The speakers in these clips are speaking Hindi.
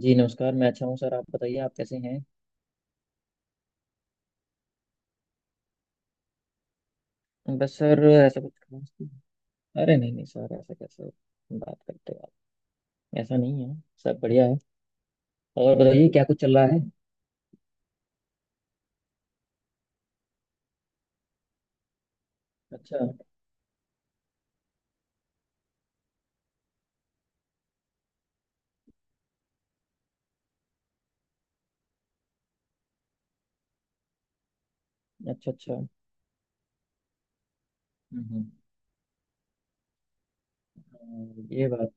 जी, नमस्कार। मैं अच्छा हूँ सर। आप बताइए, आप कैसे हैं? बस सर ऐसा कुछ खास नहीं। अरे नहीं नहीं सर, ऐसा कैसे बात करते हो आप? ऐसा नहीं है। सब बढ़िया है। और बताइए क्या कुछ चल रहा है? अच्छा, अच्छा, अच्छा। हम्म ये बात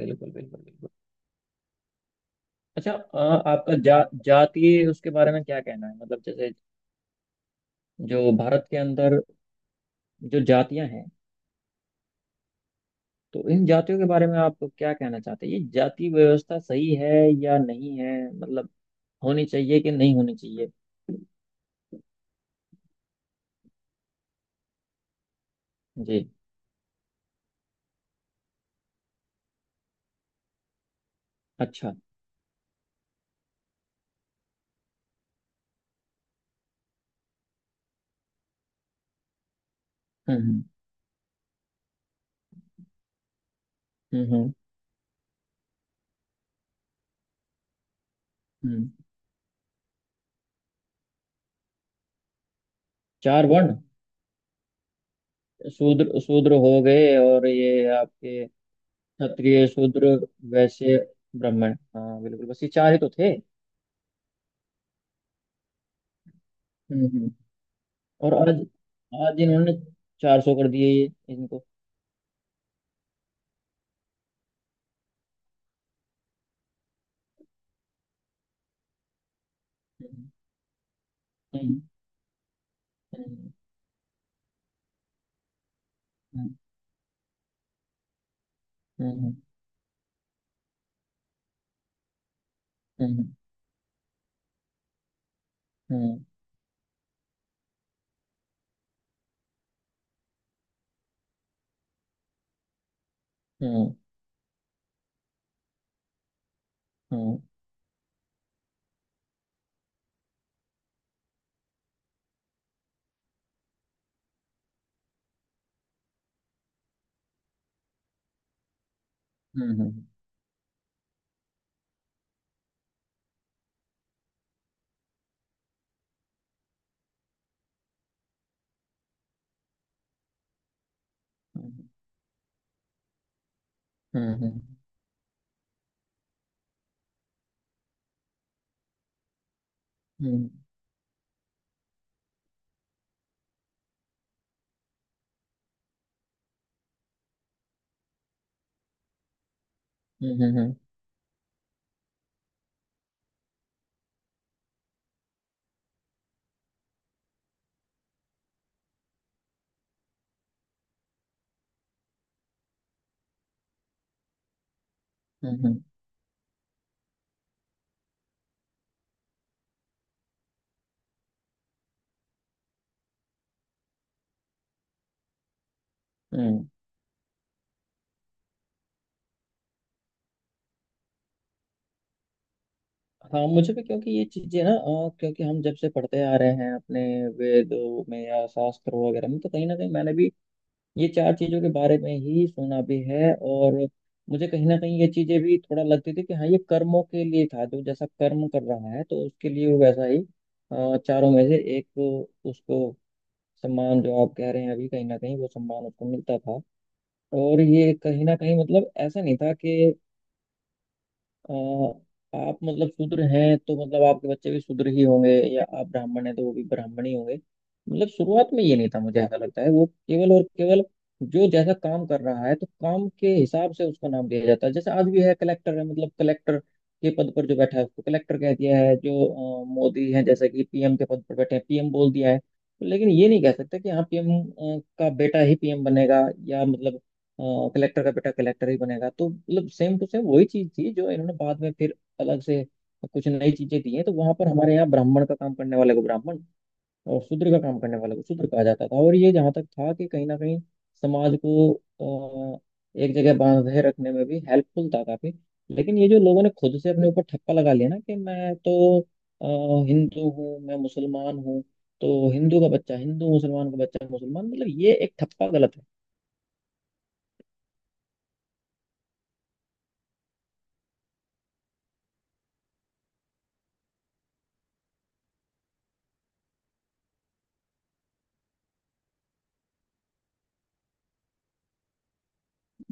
बिल्कुल बिल्कुल बिल्कुल। अच्छा। आपका जा जातीय उसके बारे में क्या कहना है, मतलब जैसे जो भारत के अंदर जो जातियां हैं, तो इन जातियों के बारे में आप क्या कहना चाहते हैं? ये जाति व्यवस्था सही है या नहीं है, मतलब होनी चाहिए कि नहीं होनी चाहिए? जी। अच्छा। हम्म हम्म हम्म हम्म हम्म। चार वर्ण। शूद्र शूद्र हो गए, और ये आपके क्षत्रिय, शूद्र, वैश्य, ब्राह्मण। हाँ बिल्कुल, बस ये चार ही तो थे। हम्म हम्म। और आज आज इन्होंने 400 कर दिए ये इनको। हम्म हम्म हम्म हम्म हम्म हम्म हम्म हम्म हम्म हम्म हम्म हम्म हम्म हम्म हम्म हम्म हम्म हम्म। हाँ मुझे भी, क्योंकि ये चीजें ना, क्योंकि हम जब से पढ़ते आ रहे हैं अपने वेदों में या शास्त्रों वगैरह में, तो कहीं ना कहीं मैंने भी ये चार चीजों के बारे में ही सुना भी है। और मुझे कहीं ना कहीं ये चीजें भी थोड़ा लगती थी कि हाँ, ये कर्मों के लिए था, जो जैसा कर्म कर रहा है तो उसके लिए वो वैसा ही चारों में से एक, उसको सम्मान जो आप कह रहे हैं अभी, कहीं ना कहीं वो सम्मान उसको मिलता था। और ये कहीं ना कहीं मतलब ऐसा नहीं था कि अ, आप मतलब शूद्र हैं तो मतलब आपके बच्चे भी शूद्र ही होंगे, या आप ब्राह्मण हैं तो वो भी ब्राह्मण ही होंगे। मतलब शुरुआत में ये नहीं था, मुझे ऐसा लगता है। वो केवल और केवल जो जैसा काम कर रहा है तो काम के हिसाब से उसको नाम दिया जाता है। जैसे आज भी है, कलेक्टर है, मतलब कलेक्टर के पद पर जो बैठा है उसको कलेक्टर कह दिया है। जो मोदी है, जैसे कि पीएम के पद पर बैठे हैं पीएम बोल दिया है। लेकिन ये नहीं कह सकते कि हाँ, पीएम का बेटा ही पीएम बनेगा, या मतलब कलेक्टर का बेटा कलेक्टर ही बनेगा। तो मतलब सेम टू सेम वही चीज थी जो इन्होंने बाद में फिर अलग से कुछ नई चीजें दी हैं। तो वहां पर हमारे यहाँ ब्राह्मण का काम करने वाले को ब्राह्मण और शूद्र का काम करने वाले को शूद्र कहा जाता था। और ये जहाँ तक था कि कहीं ना कहीं समाज को अ, एक जगह बांधे रखने में भी हेल्पफुल था काफी। लेकिन ये जो लोगों ने खुद से अपने ऊपर ठप्पा लगा लिया ना कि मैं तो अ, हिंदू हूँ, मैं मुसलमान हूँ, तो हिंदू का बच्चा हिंदू, मुसलमान का बच्चा मुसलमान, मतलब ये एक ठप्पा गलत है।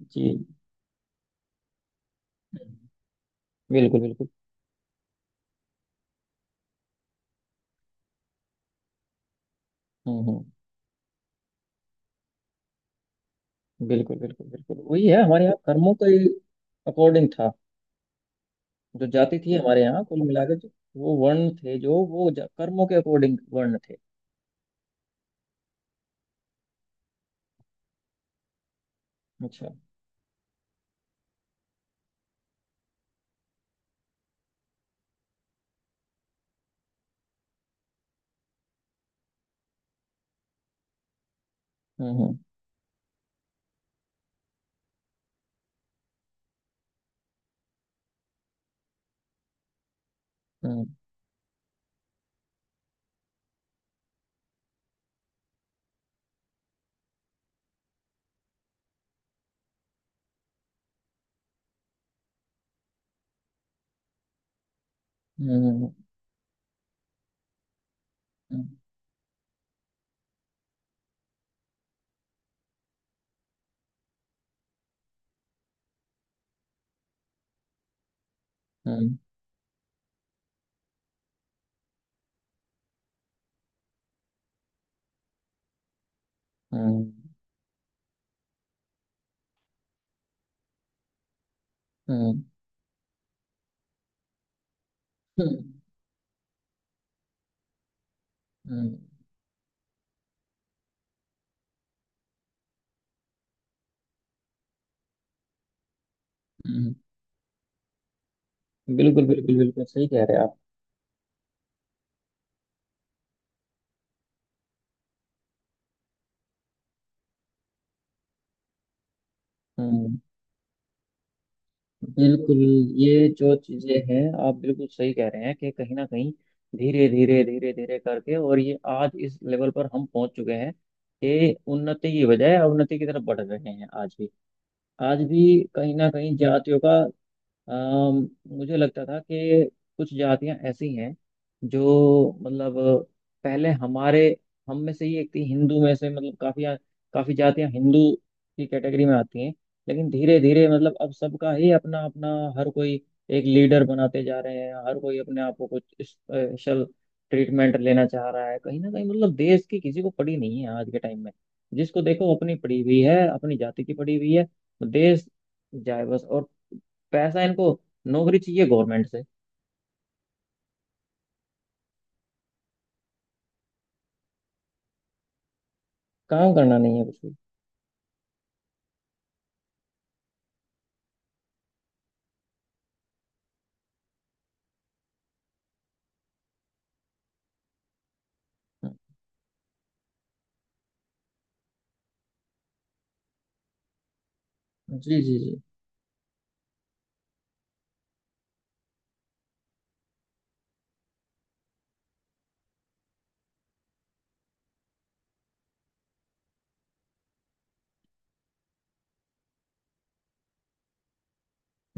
जी बिल्कुल बिल्कुल। हम्म। बिल्कुल बिल्कुल बिल्कुल वही है, हमारे यहाँ कर्मों के अकॉर्डिंग था। जो जाति थी हमारे यहाँ, कुल मिलाकर जो वो वर्ण थे, जो वो कर्मों के अकॉर्डिंग वर्ण थे। अच्छा। हम्म हम्म हम्म हम्म हम्म हम्म हम्म हम्म, हम्म, हम्म, हम्म, हम्म, हम्म। बिल्कुल बिल्कुल बिल्कुल, सही कह रहे हैं आप। हम्म। बिल्कुल। ये जो चीजें हैं, आप बिल्कुल सही कह रहे हैं कि कहीं ना कहीं धीरे धीरे धीरे धीरे करके, और ये आज इस लेवल पर हम पहुंच चुके हैं कि उन्नति की बजाय अवनति की तरफ बढ़ रहे हैं आज भी। आज भी कहीं ना कहीं जातियों का अम, मुझे लगता था कि कुछ जातियां ऐसी हैं जो मतलब पहले हमारे हम में से ही एक थी, हिंदू में से, मतलब काफी काफी जातियां हिंदू की कैटेगरी में आती हैं। लेकिन धीरे धीरे मतलब अब सबका ही अपना अपना, हर कोई एक लीडर बनाते जा रहे हैं। हर कोई अपने आप को कुछ स्पेशल ट्रीटमेंट लेना चाह रहा है। कहीं ना कहीं मतलब देश की किसी को पड़ी नहीं है आज के टाइम में। जिसको देखो अपनी पड़ी हुई है, अपनी जाति की पड़ी हुई है। देश जाए बस। और पैसा इनको, नौकरी चाहिए गवर्नमेंट से। काम करना नहीं है कुछ भी। हम्म, जी जी जी।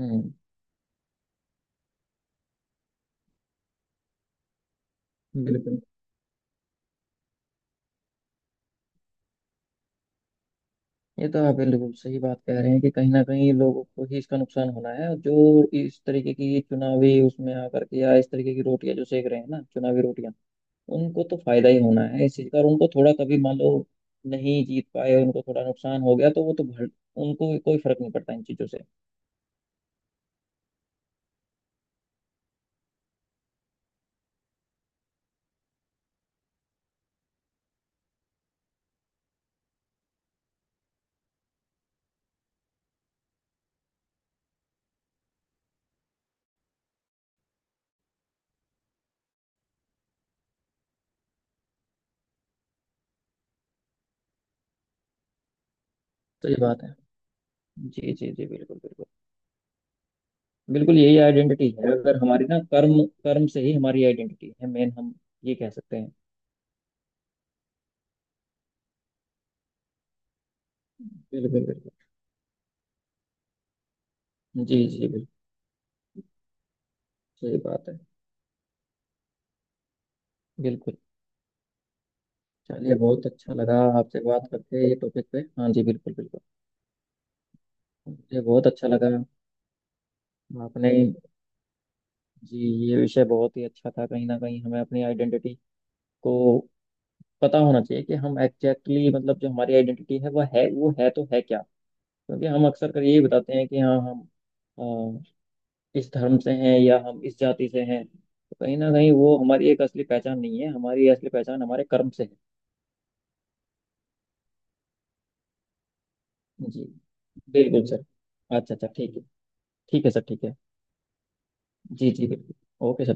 हम्म। बिल्कुल। ये तो आप बिल्कुल सही बात कह रहे हैं कि कहीं ना कहीं लोगों को ही इसका नुकसान होना है। जो इस तरीके की चुनावी उसमें आकर के या इस तरीके की रोटियां जो सेक रहे हैं ना चुनावी रोटियां, उनको तो फायदा ही होना है इस चीज का। और उनको थोड़ा, कभी मान लो नहीं जीत पाए, उनको थोड़ा नुकसान हो गया, तो वो तो भर, उनको कोई फर्क नहीं पड़ता इन चीजों से। तो ये बात है। जी जी जी, बिल्कुल बिल्कुल। बिल्कुल यही आइडेंटिटी है, अगर हमारी ना, कर्म, कर्म से ही हमारी आइडेंटिटी है, मेन हम ये कह सकते हैं। बिल्कुल बिल्कुल। जी जी बिल्कुल। सही बात है। बिल्कुल। चलिए, बहुत अच्छा लगा आपसे बात करके ये टॉपिक पे। हाँ जी बिल्कुल बिल्कुल। मुझे बहुत अच्छा लगा आपने। जी। ये विषय बहुत ही अच्छा था। कहीं ना कहीं हमें अपनी आइडेंटिटी को पता होना चाहिए कि हम एग्जैक्टली मतलब जो हमारी आइडेंटिटी है वह है वो है तो है क्या। क्योंकि हम अक्सर कर यही बताते हैं कि हाँ हम इस धर्म से हैं या हम इस जाति से हैं। तो कहीं ना कहीं वो हमारी एक असली पहचान नहीं है, हमारी असली पहचान हमारे कर्म से है। जी बिल्कुल सर। अच्छा अच्छा, ठीक है। ठीक है सर, ठीक है। जी जी बिल्कुल। Okay sir.